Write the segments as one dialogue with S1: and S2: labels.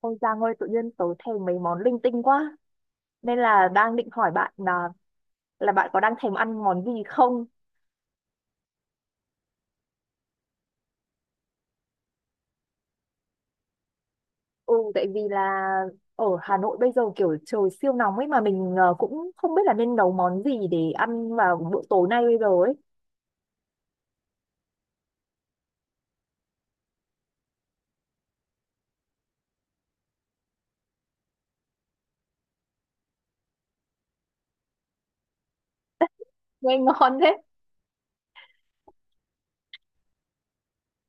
S1: Ôi Giang ơi, tự nhiên tớ thèm mấy món linh tinh quá. Nên là đang định hỏi bạn là bạn có đang thèm ăn món gì không? Ừ, tại vì là ở Hà Nội bây giờ kiểu trời siêu nóng ấy mà mình cũng không biết là nên nấu món gì để ăn vào bữa tối nay bây giờ ấy. Nghe ngon thế.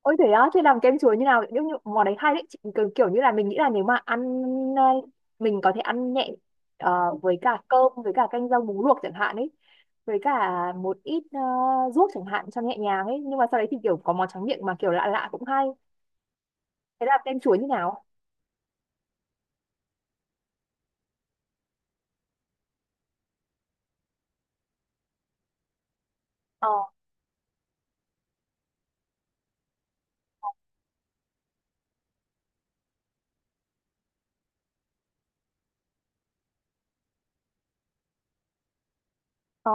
S1: Ôi thế á, thế làm kem chuối như nào? Nhưng như, món đấy hay đấy, chị, kiểu, kiểu như là mình nghĩ là nếu mà ăn ờ, mình có thể ăn nhẹ với cả cơm với cả canh rau muống luộc chẳng hạn ấy, với cả một ít ruốc chẳng hạn cho nhẹ nhàng ấy, nhưng mà sau đấy thì kiểu có món tráng miệng mà kiểu lạ lạ cũng hay. Thế là kem chuối như nào? Ờ ờ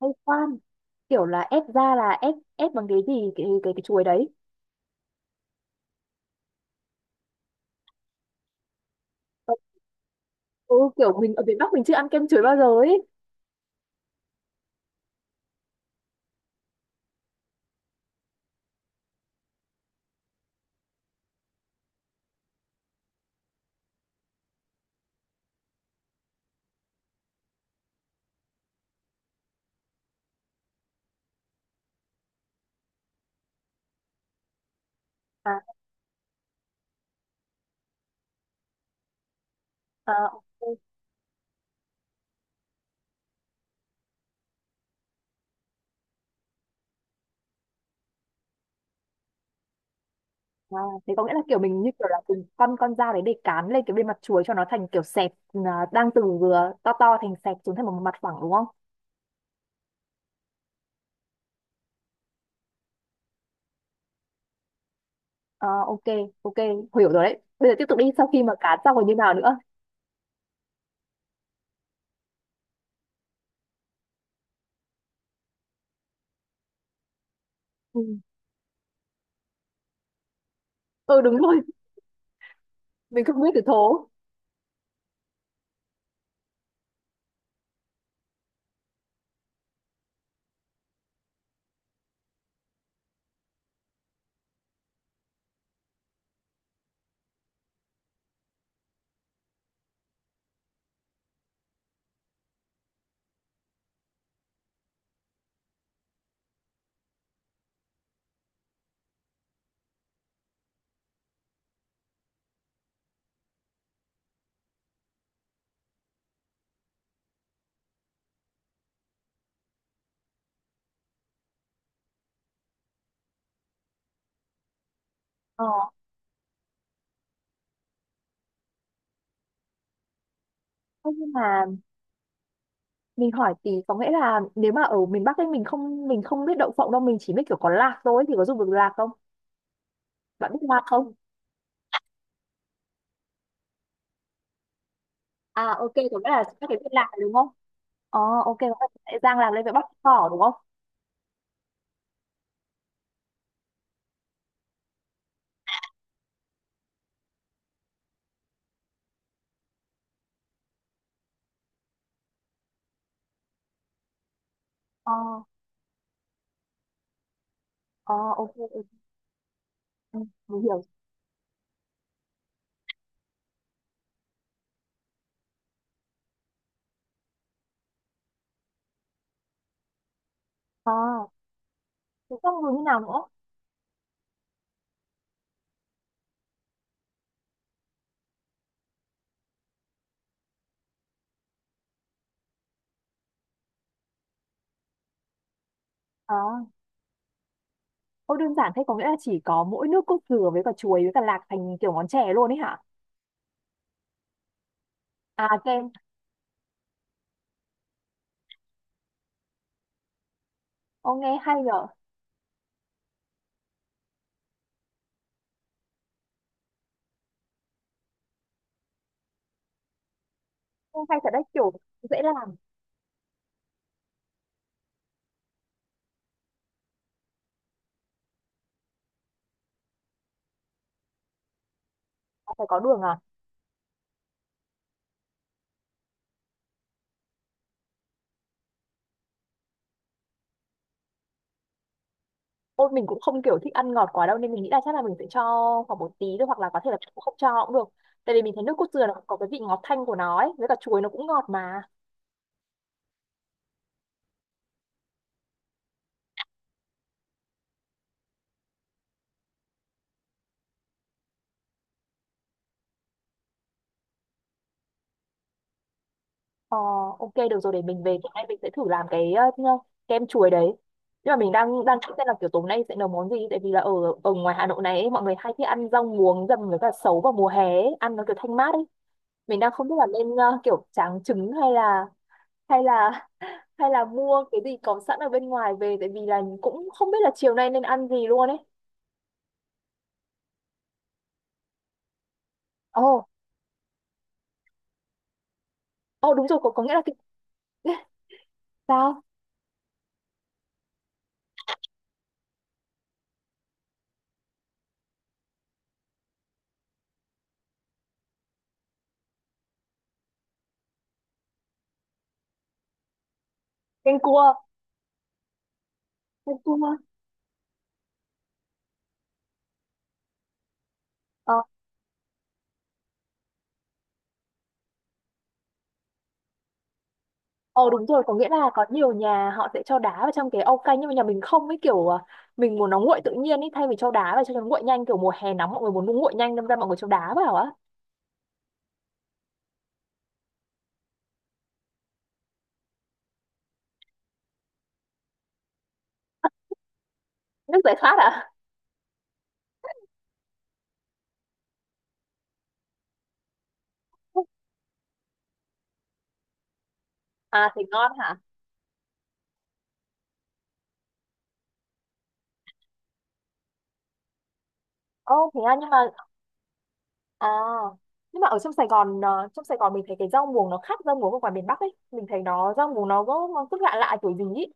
S1: hay khoan. Kiểu là ép ra là ép ép bằng cái gì cái chuối đấy. Ừ, kiểu mình ở miền Bắc mình chưa ăn kem chuối bao giờ ấy. À, à, ok. À, thế có nghĩa là kiểu mình như kiểu là dùng con dao đấy để cán lên cái bên mặt chuối cho nó thành kiểu sẹp, à, đang từ vừa to to thành sẹp xuống thành một mặt phẳng đúng không? À ok, ok, hiểu rồi đấy. Bây giờ tiếp tục đi, sau khi mà cán xong rồi như nào nữa? Ừ, ừ đúng rồi. Mình không biết từ thố. Ờ, thế nhưng mà mình hỏi tí, có nghĩa là nếu mà ở miền Bắc ấy mình không biết đậu phộng đâu, mình chỉ biết kiểu có lạc thôi thì có dùng được lạc không? Bạn biết lạc không? À ok, có nghĩa là các cái viên lạc này đúng không? Ờ ok, có nghĩa là sẽ rang lạc lên với bắp cỏ đúng không? Ờ. Ờ, ok, ok, ừ, mình hiểu. Ờ, thế xong rồi như nào nữa? Ờ, ô đơn giản thế, có nghĩa là chỉ có mỗi nước cốt dừa với cả chuối với cả lạc thành kiểu món chè luôn ấy hả? À, kem. Ô, nghe hay nhở. Ô, hay thật đấy, kiểu dễ làm. Ờ, phải có đường à? Ôi mình cũng không kiểu thích ăn ngọt quá đâu nên mình nghĩ là chắc là mình sẽ cho khoảng một tí thôi, hoặc là có thể là cũng không cho cũng được. Tại vì mình thấy nước cốt dừa nó có cái vị ngọt thanh của nó ấy, với cả chuối nó cũng ngọt mà. Ờ, ok được rồi, để mình về tối nay mình sẽ thử làm cái kem chuối đấy. Nhưng mà mình đang đang nghĩ xem là kiểu tối nay sẽ nấu món gì, tại vì là ở ở ngoài Hà Nội này ấy, mọi người hay thích ăn rau muống dầm với cả sấu vào mùa hè ấy, ăn nó kiểu thanh mát ấy. Mình đang không biết là nên kiểu tráng trứng hay là hay là mua cái gì có sẵn ở bên ngoài về, tại vì là cũng không biết là chiều nay nên ăn gì luôn ấy. Ồ, ồ đúng rồi, có nghĩa là cái sao? Canh cua, canh cua. Ờ, ờ đúng rồi, có nghĩa là có nhiều nhà họ sẽ cho đá vào trong cái ao canh, nhưng mà nhà mình không ấy, kiểu à, mình muốn nó nguội tự nhiên ấy thay vì cho đá vào cho nó nguội nhanh, kiểu mùa hè nóng mọi người muốn nó nguội nhanh nên ra mọi người cho đá vào á. Nước giải khát à? À thì ngon hả? Ô thế à, nhưng mà à nhưng mà ở trong Sài Gòn trong Sài Gòn mình thấy cái rau muống nó khác rau muống ở ngoài miền Bắc ấy. Mình thấy nó rau muống nó có nó cứ lạ lạ kiểu gì ấy.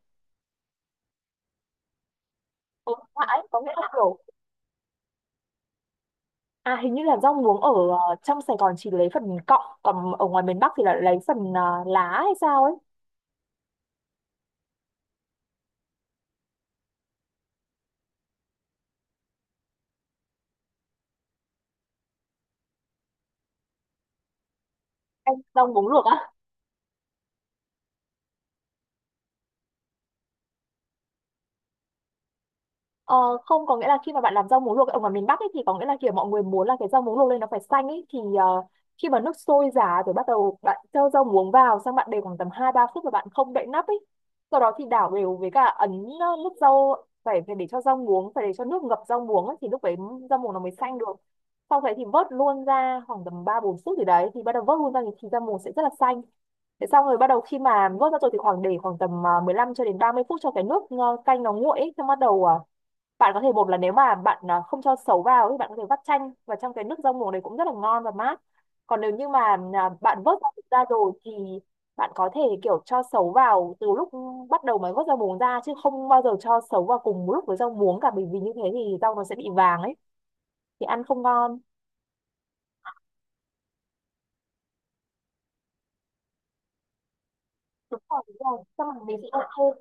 S1: Ừ, lạ ấy, có nghĩa là kiểu à hình như là rau muống ở trong Sài Gòn chỉ lấy phần cọng, còn ở ngoài miền Bắc thì là lấy phần lá hay sao ấy. Anh rau muống luộc á. Ờ, không, có nghĩa là khi mà bạn làm rau muống luộc ở ngoài miền Bắc ấy, thì có nghĩa là kiểu mọi người muốn là cái rau muống luộc lên nó phải xanh ấy thì khi mà nước sôi giá rồi bắt đầu bạn cho rau muống vào, xong bạn để khoảng tầm 2-3 phút và bạn không đậy nắp ấy, sau đó thì đảo đều với cả ấn nước rau, phải phải để cho rau muống, phải để cho nước ngập rau muống ấy, thì lúc đấy rau muống nó mới xanh được. Sau đấy thì vớt luôn ra khoảng tầm 3-4 phút thì đấy thì bắt đầu vớt luôn ra thì rau muống sẽ rất là xanh. Thế xong rồi bắt đầu khi mà vớt ra rồi thì khoảng để khoảng tầm 15 đến 30 phút cho cái nước à, canh nó nguội ấy, xong bắt đầu bạn có thể một là nếu mà bạn à, không cho sấu vào thì bạn có thể vắt chanh và trong cái nước rau muống đấy cũng rất là ngon và mát. Còn nếu như mà à, bạn vớt rau muống ra rồi thì bạn có thể kiểu cho sấu vào từ lúc bắt đầu mới vớt rau muống ra, chứ không bao giờ cho sấu vào cùng một lúc với rau muống cả, bởi vì như thế thì rau nó sẽ bị vàng ấy, thì ăn không ngon. Đúng rồi đúng rồi, xong rồi mình sẽ ok.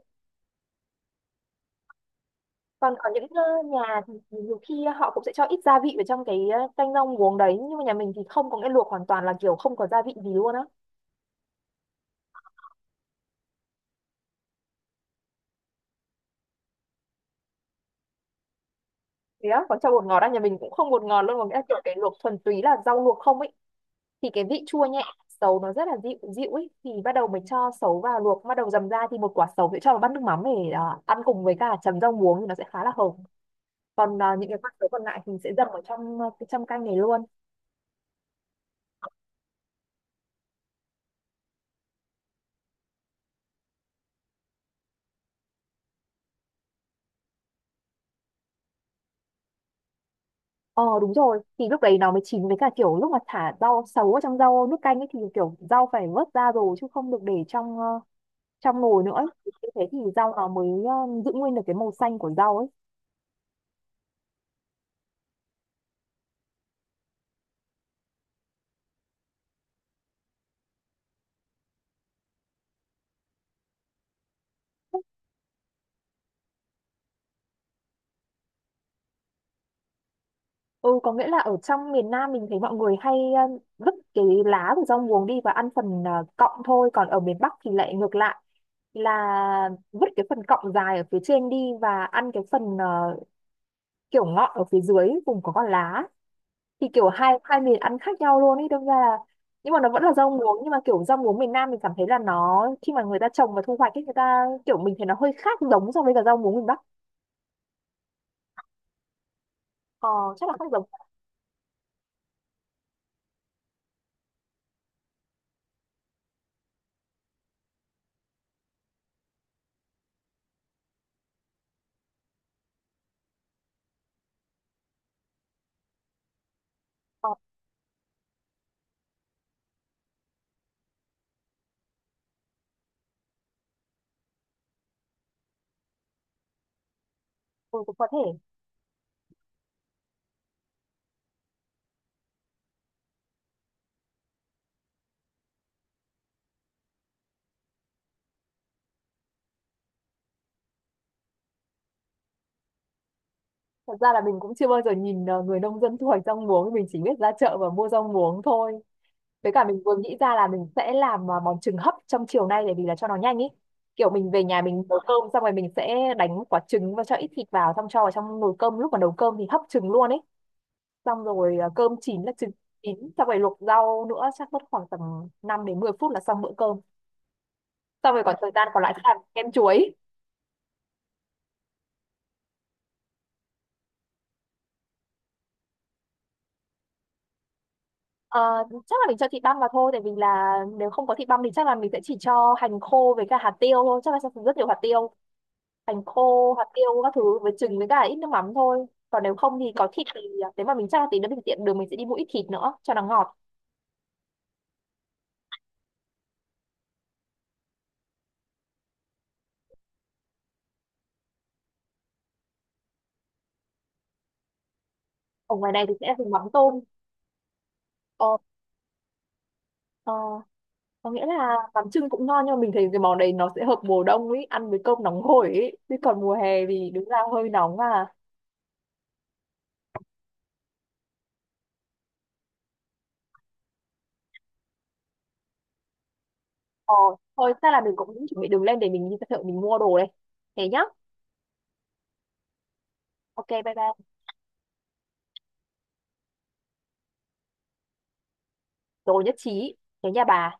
S1: Còn có những nhà thì nhiều khi họ cũng sẽ cho ít gia vị vào trong cái canh rau muống đấy, nhưng mà nhà mình thì không, có nghĩa luộc hoàn toàn là kiểu không có gia vị gì luôn á. Thế á, còn cho bột ngọt á, nhà mình cũng không bột ngọt luôn, mà nghĩa là kiểu cái luộc thuần túy là rau luộc không ấy, thì cái vị chua nhẹ sấu nó rất là dịu dịu ấy thì bắt đầu mình cho sấu vào luộc bắt đầu dầm ra, thì một quả sấu sẽ cho vào bát nước mắm để à, ăn cùng với cả chấm rau muống thì nó sẽ khá là hợp, còn à, những cái quả sấu còn lại thì sẽ dầm ở trong à, cái trong canh này luôn. Ờ đúng rồi, thì lúc đấy nó mới chín, với cả kiểu lúc mà thả rau sấu ở trong rau nước canh ấy thì kiểu rau phải vớt ra rồi chứ không được để trong trong nồi nữa ấy. Như thế thì rau nó mới giữ nguyên được cái màu xanh của rau ấy. Ừ, có nghĩa là ở trong miền Nam mình thấy mọi người hay vứt cái lá của rau muống đi và ăn phần cọng thôi, còn ở miền Bắc thì lại ngược lại, là vứt cái phần cọng dài ở phía trên đi và ăn cái phần kiểu ngọn ở phía dưới vùng có con lá. Thì kiểu hai hai miền ăn khác nhau luôn ấy, đâm ra là nhưng mà nó vẫn là rau muống, nhưng mà kiểu rau muống miền Nam mình cảm thấy là nó khi mà người ta trồng và thu hoạch ấy người ta kiểu mình thấy nó hơi khác giống so với cả rau muống miền Bắc. Ờ, chắc là khác giống. Ờ, ừ, cũng có thể. Thật ra là mình cũng chưa bao giờ nhìn người nông dân thu hoạch rau muống, mình chỉ biết ra chợ và mua rau muống thôi. Với cả mình vừa nghĩ ra là mình sẽ làm món trứng hấp trong chiều nay để vì là cho nó nhanh ý. Kiểu mình về nhà mình nấu cơm xong rồi mình sẽ đánh quả trứng và cho ít thịt vào, xong cho vào trong nồi cơm lúc mà nấu cơm thì hấp trứng luôn ấy. Xong rồi cơm chín là trứng chín, xong rồi luộc rau nữa chắc mất khoảng tầm 5 đến 10 phút là xong bữa cơm. Xong rồi còn thời gian còn lại sẽ làm kem chuối. Ờ, chắc là mình cho thịt băm vào thôi, tại vì là nếu không có thịt băm thì chắc là mình sẽ chỉ cho hành khô với cả hạt tiêu thôi, chắc là sẽ dùng rất nhiều hạt tiêu, hành khô hạt tiêu các thứ với trứng với cả ít nước mắm thôi, còn nếu không thì có thịt thì à, nếu mà mình chắc là tí nữa mình tiện đường mình sẽ đi mua ít thịt nữa cho nó ngọt. Ở ngoài này thì sẽ dùng mắm tôm. Ờ, ờ, có nghĩa là mắm chưng cũng ngon, nhưng mà mình thấy cái món đấy nó sẽ hợp mùa đông ấy, ăn với cơm nóng hổi ấy, chứ còn mùa hè thì đúng là hơi nóng à. Ờ, thôi chắc là mình cũng chuẩn bị đường lên để mình đi ra chợ mình mua đồ đây, thế nhá. Ok bye bye. Rồi, nhất trí, thế nha bà.